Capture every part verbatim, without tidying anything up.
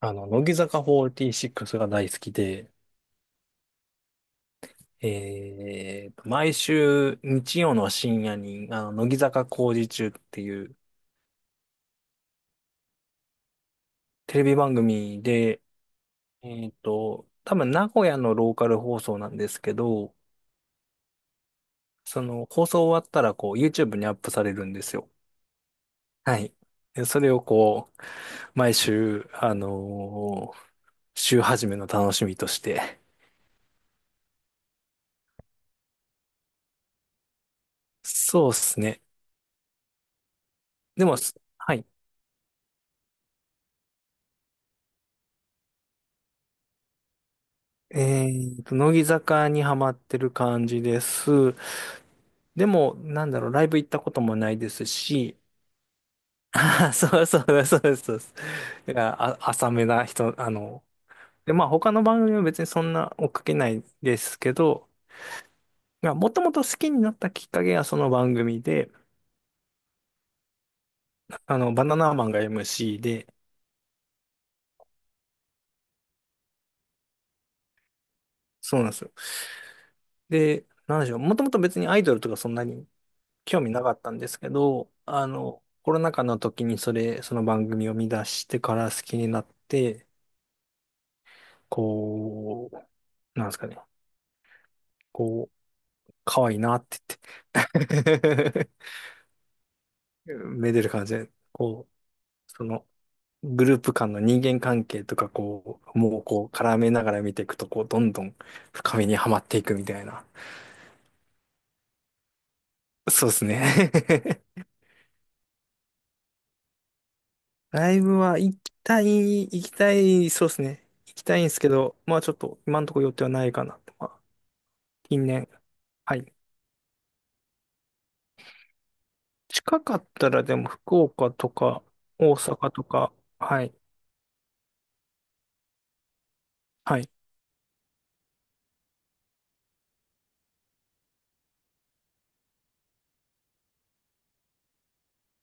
あの、乃木坂よんじゅうろくが大好きで、えーと、毎週日曜の深夜に、あの、乃木坂工事中っていうテレビ番組で、えーと、多分名古屋のローカル放送なんですけど、その放送終わったらこう YouTube にアップされるんですよ。はい。で、それをこう、毎週、あのー週始めの楽しみとして。そうですね。でも、はい。えーと、乃木坂にハマってる感じです。でも、なんだろう、ライブ行ったこともないですし、あーそうそうです、そうです、そうです。だから、あ、浅めな人、あの、で、まあ他の番組は別にそんな追っかけないですけど、まあ、もともと好きになったきっかけがその番組で、あの、バナナマンが エムシー で、そうなんですよ。で、なんでしょう、もともと別にアイドルとかそんなに興味なかったんですけど、あの、コロナ禍の時にそれ、その番組を見出してから好きになって、こう、なんですかね、こう、可愛いなって言って めでる感じで、こう、その、グループ間の人間関係とか、こう、もうこう、絡めながら見ていくと、こう、どんどん深みにはまっていくみたいな。そうですね。 ライブは行きたい、行きたい、そうですね。行きたいんですけど、まあちょっと今のところ予定はないかなと。まあ、近年。はい。近かったらでも福岡とか大阪とか、はい。はい。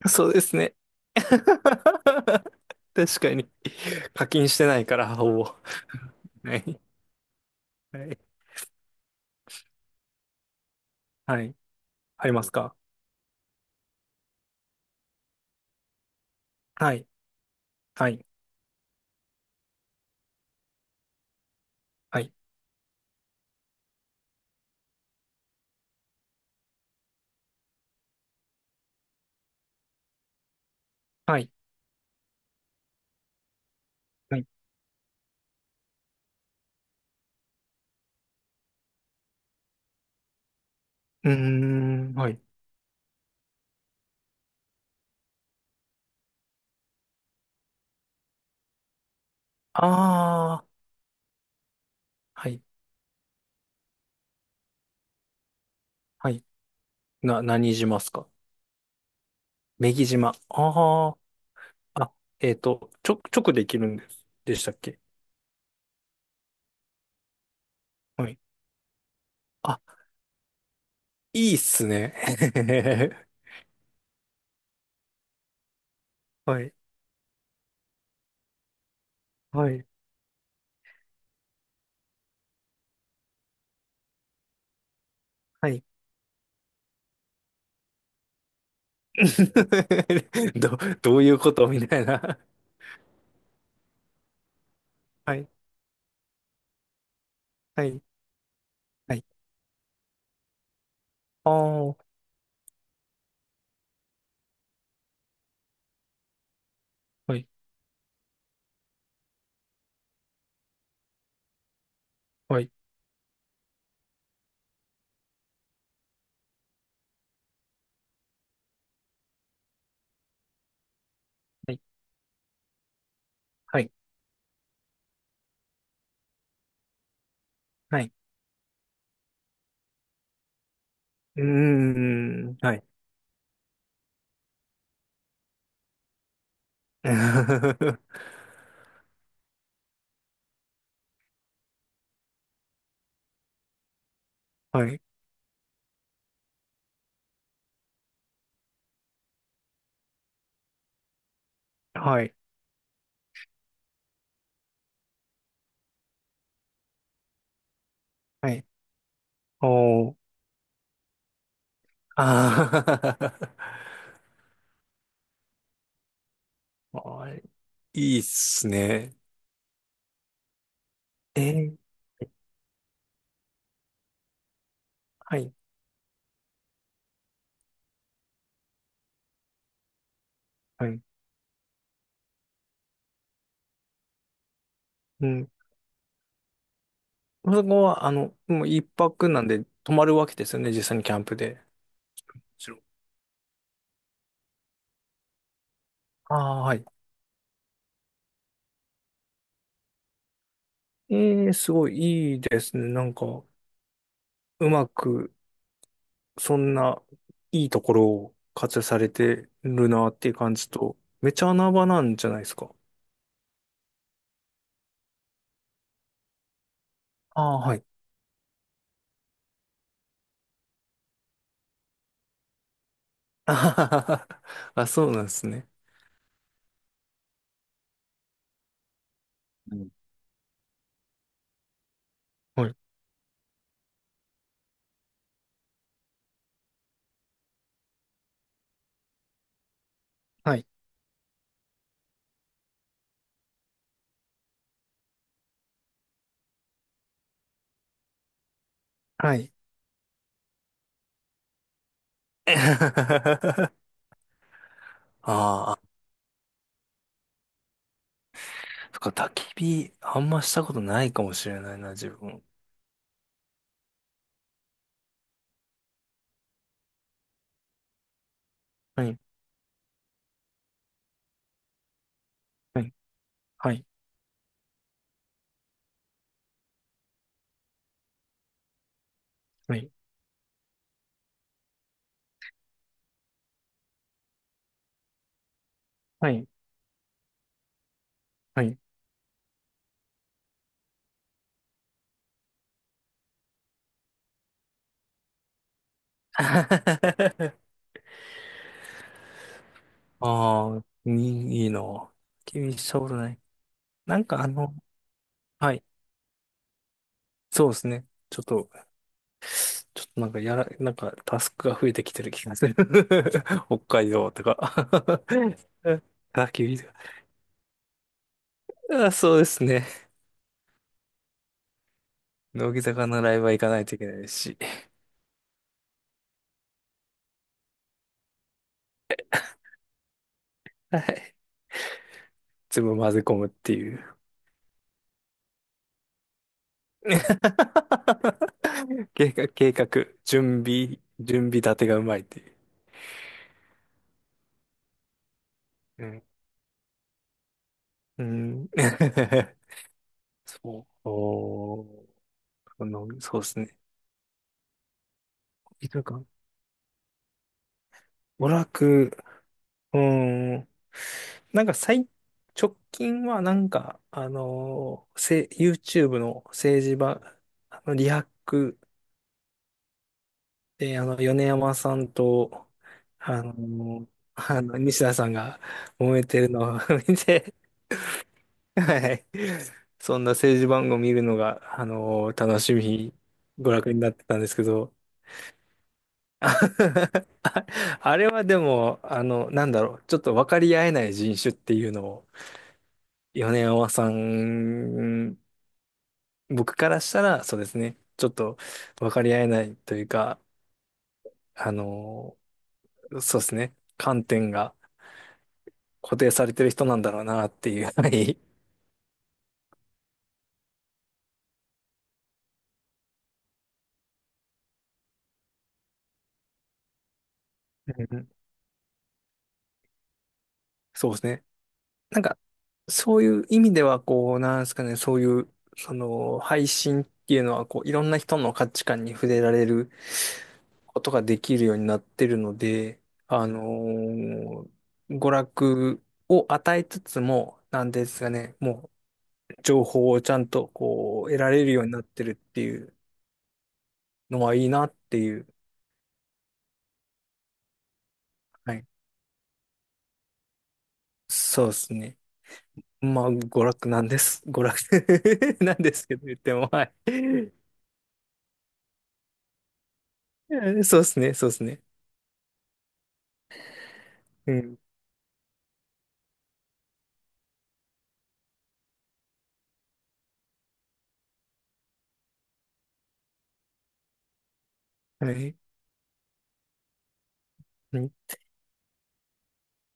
そうですね。確かに。課金してないから、ほぼ。はい。はい。はい。ありますか？はい。はい。はい。はい。はい。うーん。はい。ああ。はい。はい。な、何島っすか？女木島。ああ。あ、えっと、直、直できるんです。でしたっけ？はい。あ、いいっすね。はい。はい。はい。ど、どういうことみたいな。はい。はい。はい。ああ、はい。はい。はい。はい。はい。うーん。はい。はい。はい。はい。おー。あー。 あー、いいっすね。えー。はい。はい。うん。そこは、あの、もう一泊なんで泊まるわけですよね、実際にキャンプで。もちろん。ああ、はい。ええ、すごいいいですね。なんか、うまく、そんないいところを活用されてるなっていう感じと、めちゃ穴場なんじゃないですか？ああ、はい。あはは。はあ、そうなんですね。うん。はい。はい。はい。ああ、そっか、焚き火、あんましたことないかもしれないな、自分。はい。はい。はい。はい。はい。はい。あ。 あー、いい、いいな。気したうとない。なんかあの、はい。そうですね。ちょっと、ちょっとなんかやら、なんかタスクが増えてきてる気がする。北海道とか。あ、厳しい。あ、そうですね。乃木坂のライブは行かないといけないし。はい。全部混ぜ込むっていう。計画、計画、準備、準備立てがうまいっていう。うん。うん。そう。おー、その、そうですね。いとか、娯楽、うーん。なんか最、直近はなんか、あのー、せ、YouTube の政治場、あの、リハックで、あの、米山さんと、あのー、あの、西田さんが揉めてるのを 見て、はい。そんな政治番組見るのが、あのー、楽しみ、娯楽になってたんですけど、あ、あれはでも、あの、なんだろう、ちょっと分かり合えない人種っていうのを、米山さん、僕からしたら、そうですね、ちょっと分かり合えないというか、あの、そうですね、観点が固定されてる人なんだろうなっていう、はい。うん。そうですね。なんか、そういう意味では、こう、なんですかね、そういう、その、配信っていうのは、こう、いろんな人の価値観に触れられることができるようになってるので、あのー娯楽を与えつつも、なんですがね、もう情報をちゃんとこう得られるようになってるっていうのはいいなっていう。はい。そうですね。まあ、娯楽なんです。娯楽 なんですけど、言っても、はい。そうですね、そうですね。うん。はい。うん。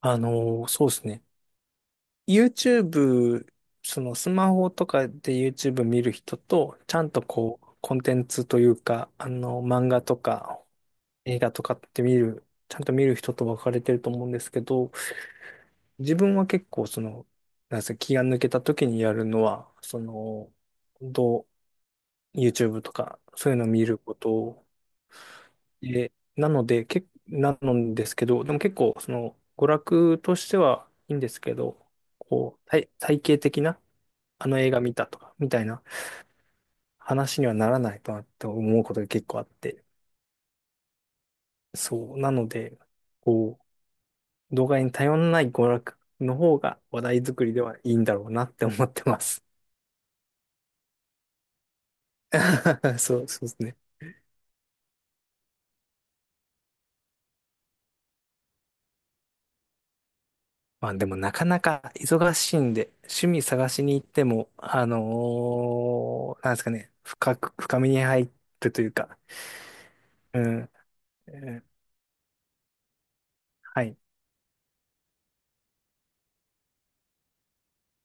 あのーそうですね。YouTube、そのスマホとかで YouTube 見る人と、ちゃんとこう、コンテンツというか、あの、漫画とか映画とかって見る、ちゃんと見る人と分かれてると思うんですけど、自分は結構その、なんで気が抜けた時にやるのは、その、どう YouTube とか、そういうのを見ることで、なので、け、なのですけど、でも結構、その、娯楽としてはいいんですけど、こう、体、体系的な、あの映画見たとか、みたいな話にはならないとなって思うことが結構あって。そう。なので、こう、動画に頼らない娯楽の方が話題作りではいいんだろうなって思ってます。そう、そうですね。まあでもなかなか忙しいんで、趣味探しに行っても、あのーなんですかね、深く、深みに入ってというか、うん、うん。はい、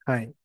はい。